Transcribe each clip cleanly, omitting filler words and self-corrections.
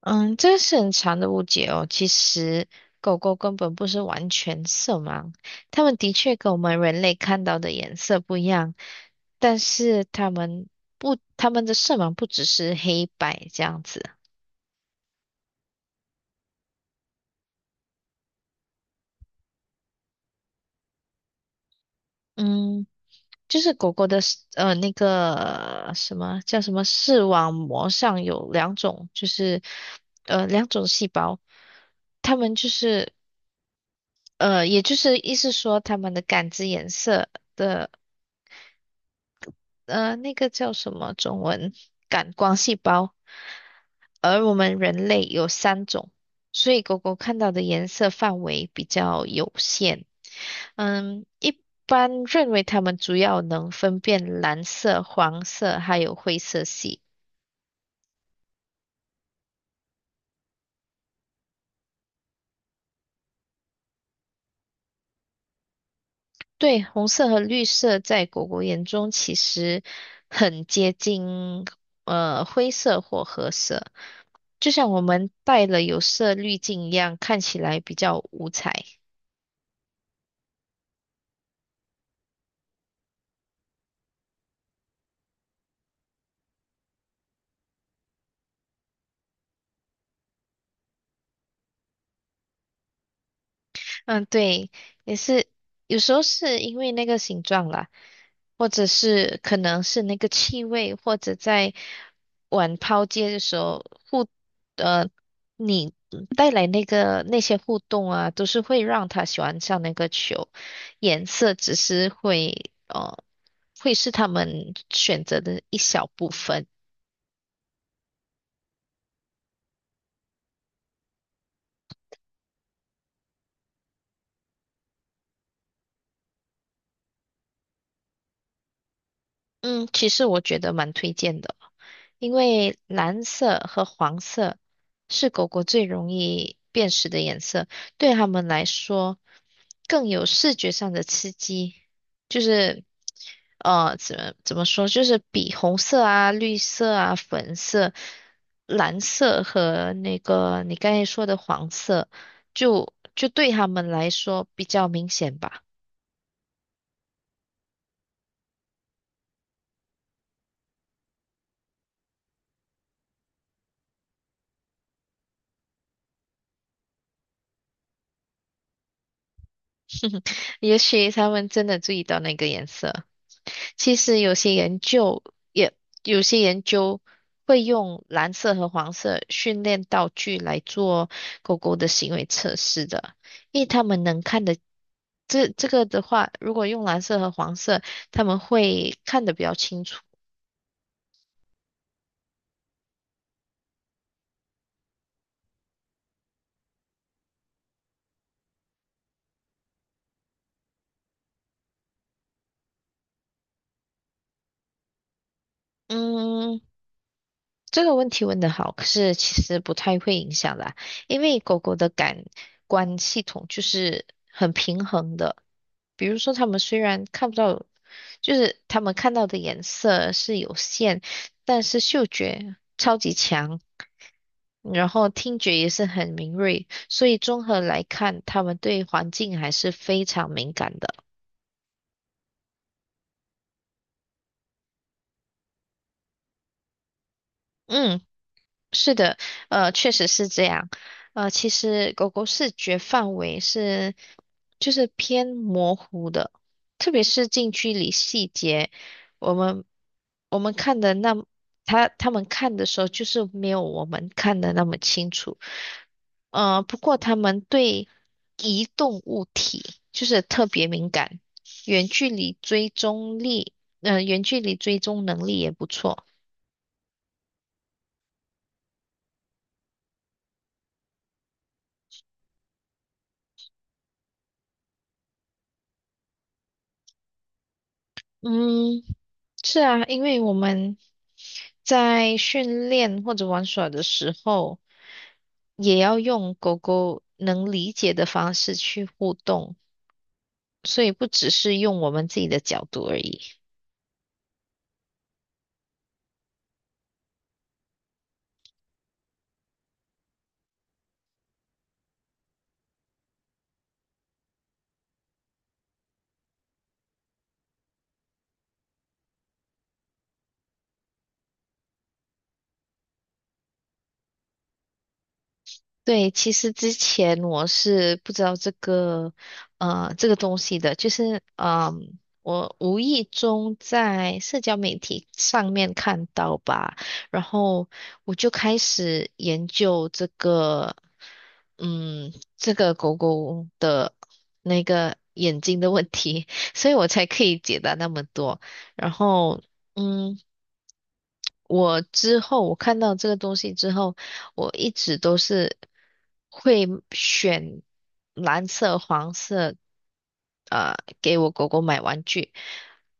嗯，这个是很长的误解哦。其实狗狗根本不是完全色盲，它们的确跟我们人类看到的颜色不一样，但是它们的色盲不只是黑白这样子。嗯，就是狗狗的视呃那个什么叫什么视网膜上有两种，就是两种细胞，它们也就是意思说它们的感知颜色。的。那个叫什么中文？感光细胞。而我们人类有三种，所以狗狗看到的颜色范围比较有限。嗯，一般认为它们主要能分辨蓝色、黄色还有灰色系。对，红色和绿色在狗狗眼中其实很接近，灰色或褐色，就像我们戴了有色滤镜一样，看起来比较五彩。嗯，对，也是，有时候是因为那个形状啦，或者是可能是那个气味，或者在玩抛接的时候互，呃，你带来那些互动啊，都是会让他喜欢上那个球，颜色只是会是他们选择的一小部分。嗯，其实我觉得蛮推荐的。因为蓝色和黄色是狗狗最容易辨识的颜色，对它们来说更有视觉上的刺激，就是怎么说，就是比红色啊、绿色啊、粉色、蓝色和那个你刚才说的黄色，就对它们来说比较明显吧。也许它们真的注意到那个颜色。其实有些研究也有些研究会用蓝色和黄色训练道具来做狗狗的行为测试的，因为他们能看的这这个的话，如果用蓝色和黄色，他们会看得比较清楚。嗯，这个问题问的好，可是其实不太会影响啦，因为狗狗的感官系统就是很平衡的。比如说，它们虽然看不到，就是它们看到的颜色是有限，但是嗅觉超级强，然后听觉也是很敏锐，所以综合来看，它们对环境还是非常敏感的。嗯。是的，确实是这样。其实狗狗视觉范围就是偏模糊的，特别是近距离细节，我们我们看的它们看的时候，就是没有我们看的那么清楚。不过它们对移动物体就是特别敏感，远距离追踪力，远距离追踪能力也不错。嗯。是啊，因为我们在训练或者玩耍的时候，也要用狗狗能理解的方式去互动，所以不只是用我们自己的角度而已。对，其实之前我是不知道这个东西的，就是，我无意中在社交媒体上面看到吧，然后我就开始研究这个，嗯，这个狗狗的那个眼睛的问题，所以我才可以解答那么多，然后，嗯。我之后我看到这个东西之后，我一直都是会选蓝色、黄色，呃，给我狗狗买玩具。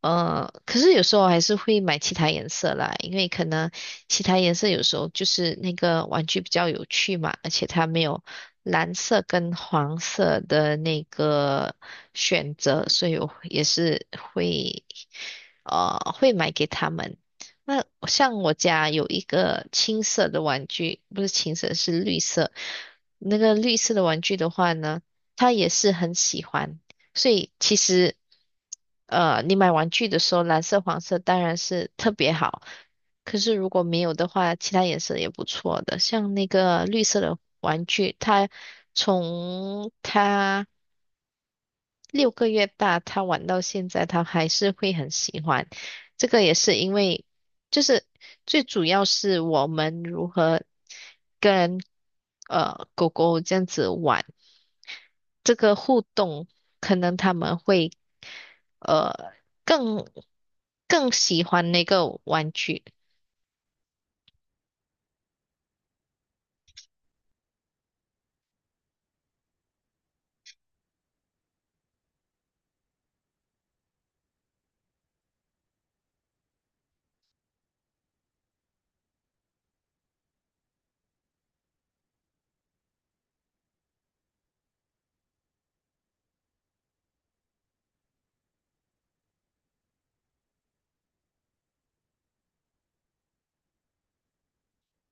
可是有时候还是会买其他颜色啦，因为可能其他颜色有时候就是那个玩具比较有趣嘛，而且它没有蓝色跟黄色的那个选择，所以我也是会会买给他们。那像我家有一个青色的玩具，不是青色，是绿色。那个绿色的玩具的话呢，他也是很喜欢。所以其实，你买玩具的时候，蓝色、黄色当然是特别好。可是如果没有的话，其他颜色也不错的。像那个绿色的玩具，它从它6个月大，他玩到现在，他还是会很喜欢。这个也是因为，就是最主要是我们如何跟狗狗这样子玩，这个互动，可能他们会呃更更喜欢那个玩具。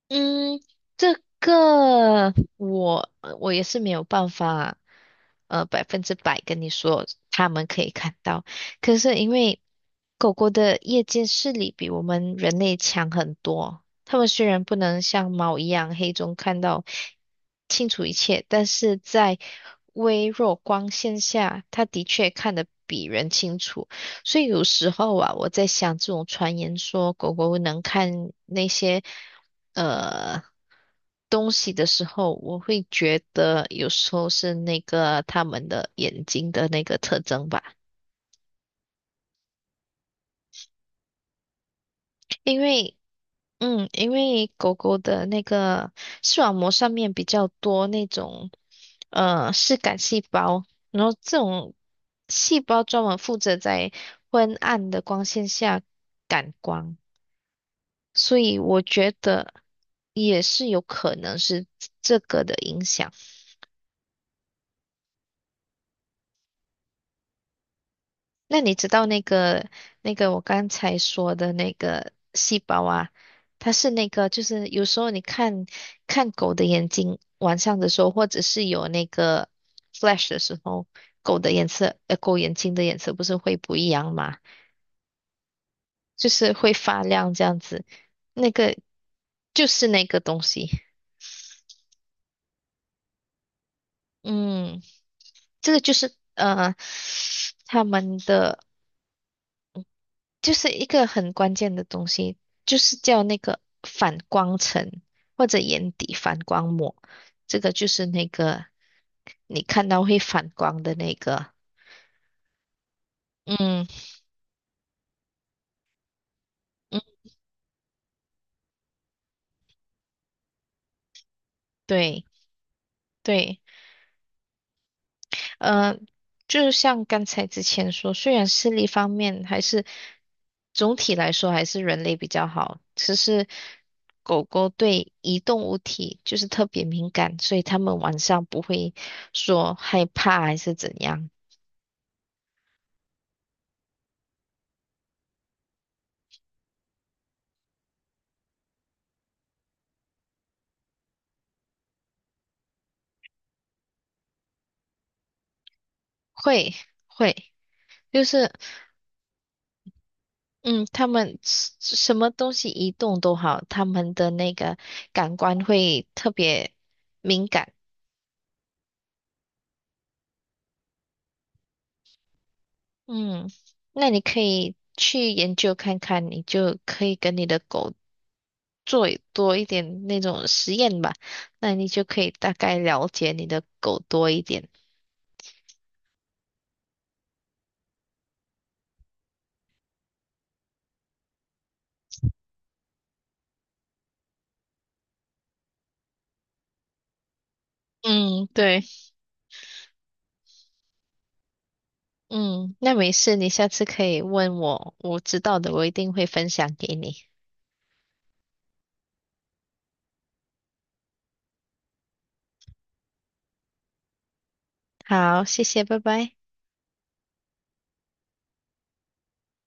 嗯，这个我也是没有办法，百分之百跟你说他们可以看到。可是因为狗狗的夜间视力比我们人类强很多，它们虽然不能像猫一样黑中看到清楚一切，但是在微弱光线下，它的确看得比人清楚。所以有时候啊，我在想这种传言说狗狗能看那些。呃东西的时候，我会觉得有时候是那个它们的眼睛的那个特征吧，因为因为狗狗的那个视网膜上面比较多那种视感细胞，然后这种细胞专门负责在昏暗的光线下感光，所以我觉得也是有可能是这个的影响。那你知道那个我刚才说的那个细胞啊，它是那个就是有时候你看看狗的眼睛，晚上的时候，或者是有那个 flash 的时候，狗的颜色，狗眼睛的颜色不是会不一样嘛，就是会发亮这样子，那个就是那个东西，嗯，这个就是他们的。就是一个很关键的东西，就是叫那个反光层或者眼底反光膜，这个就是那个你看到会反光的那个。嗯嗯，对对，呃，就像刚才之前说，虽然视力方面还是总体来说还是人类比较好，只是狗狗对移动物体就是特别敏感，所以它们晚上不会说害怕还是怎样。会会，就是嗯，他们什么东西移动都好，他们的那个感官会特别敏感。嗯，那你可以去研究看看，你就可以跟你的狗做多一点那种实验吧，那你就可以大概了解你的狗多一点。嗯，对，嗯，那没事，你下次可以问我，我知道的，我一定会分享给你。好，谢谢，拜拜。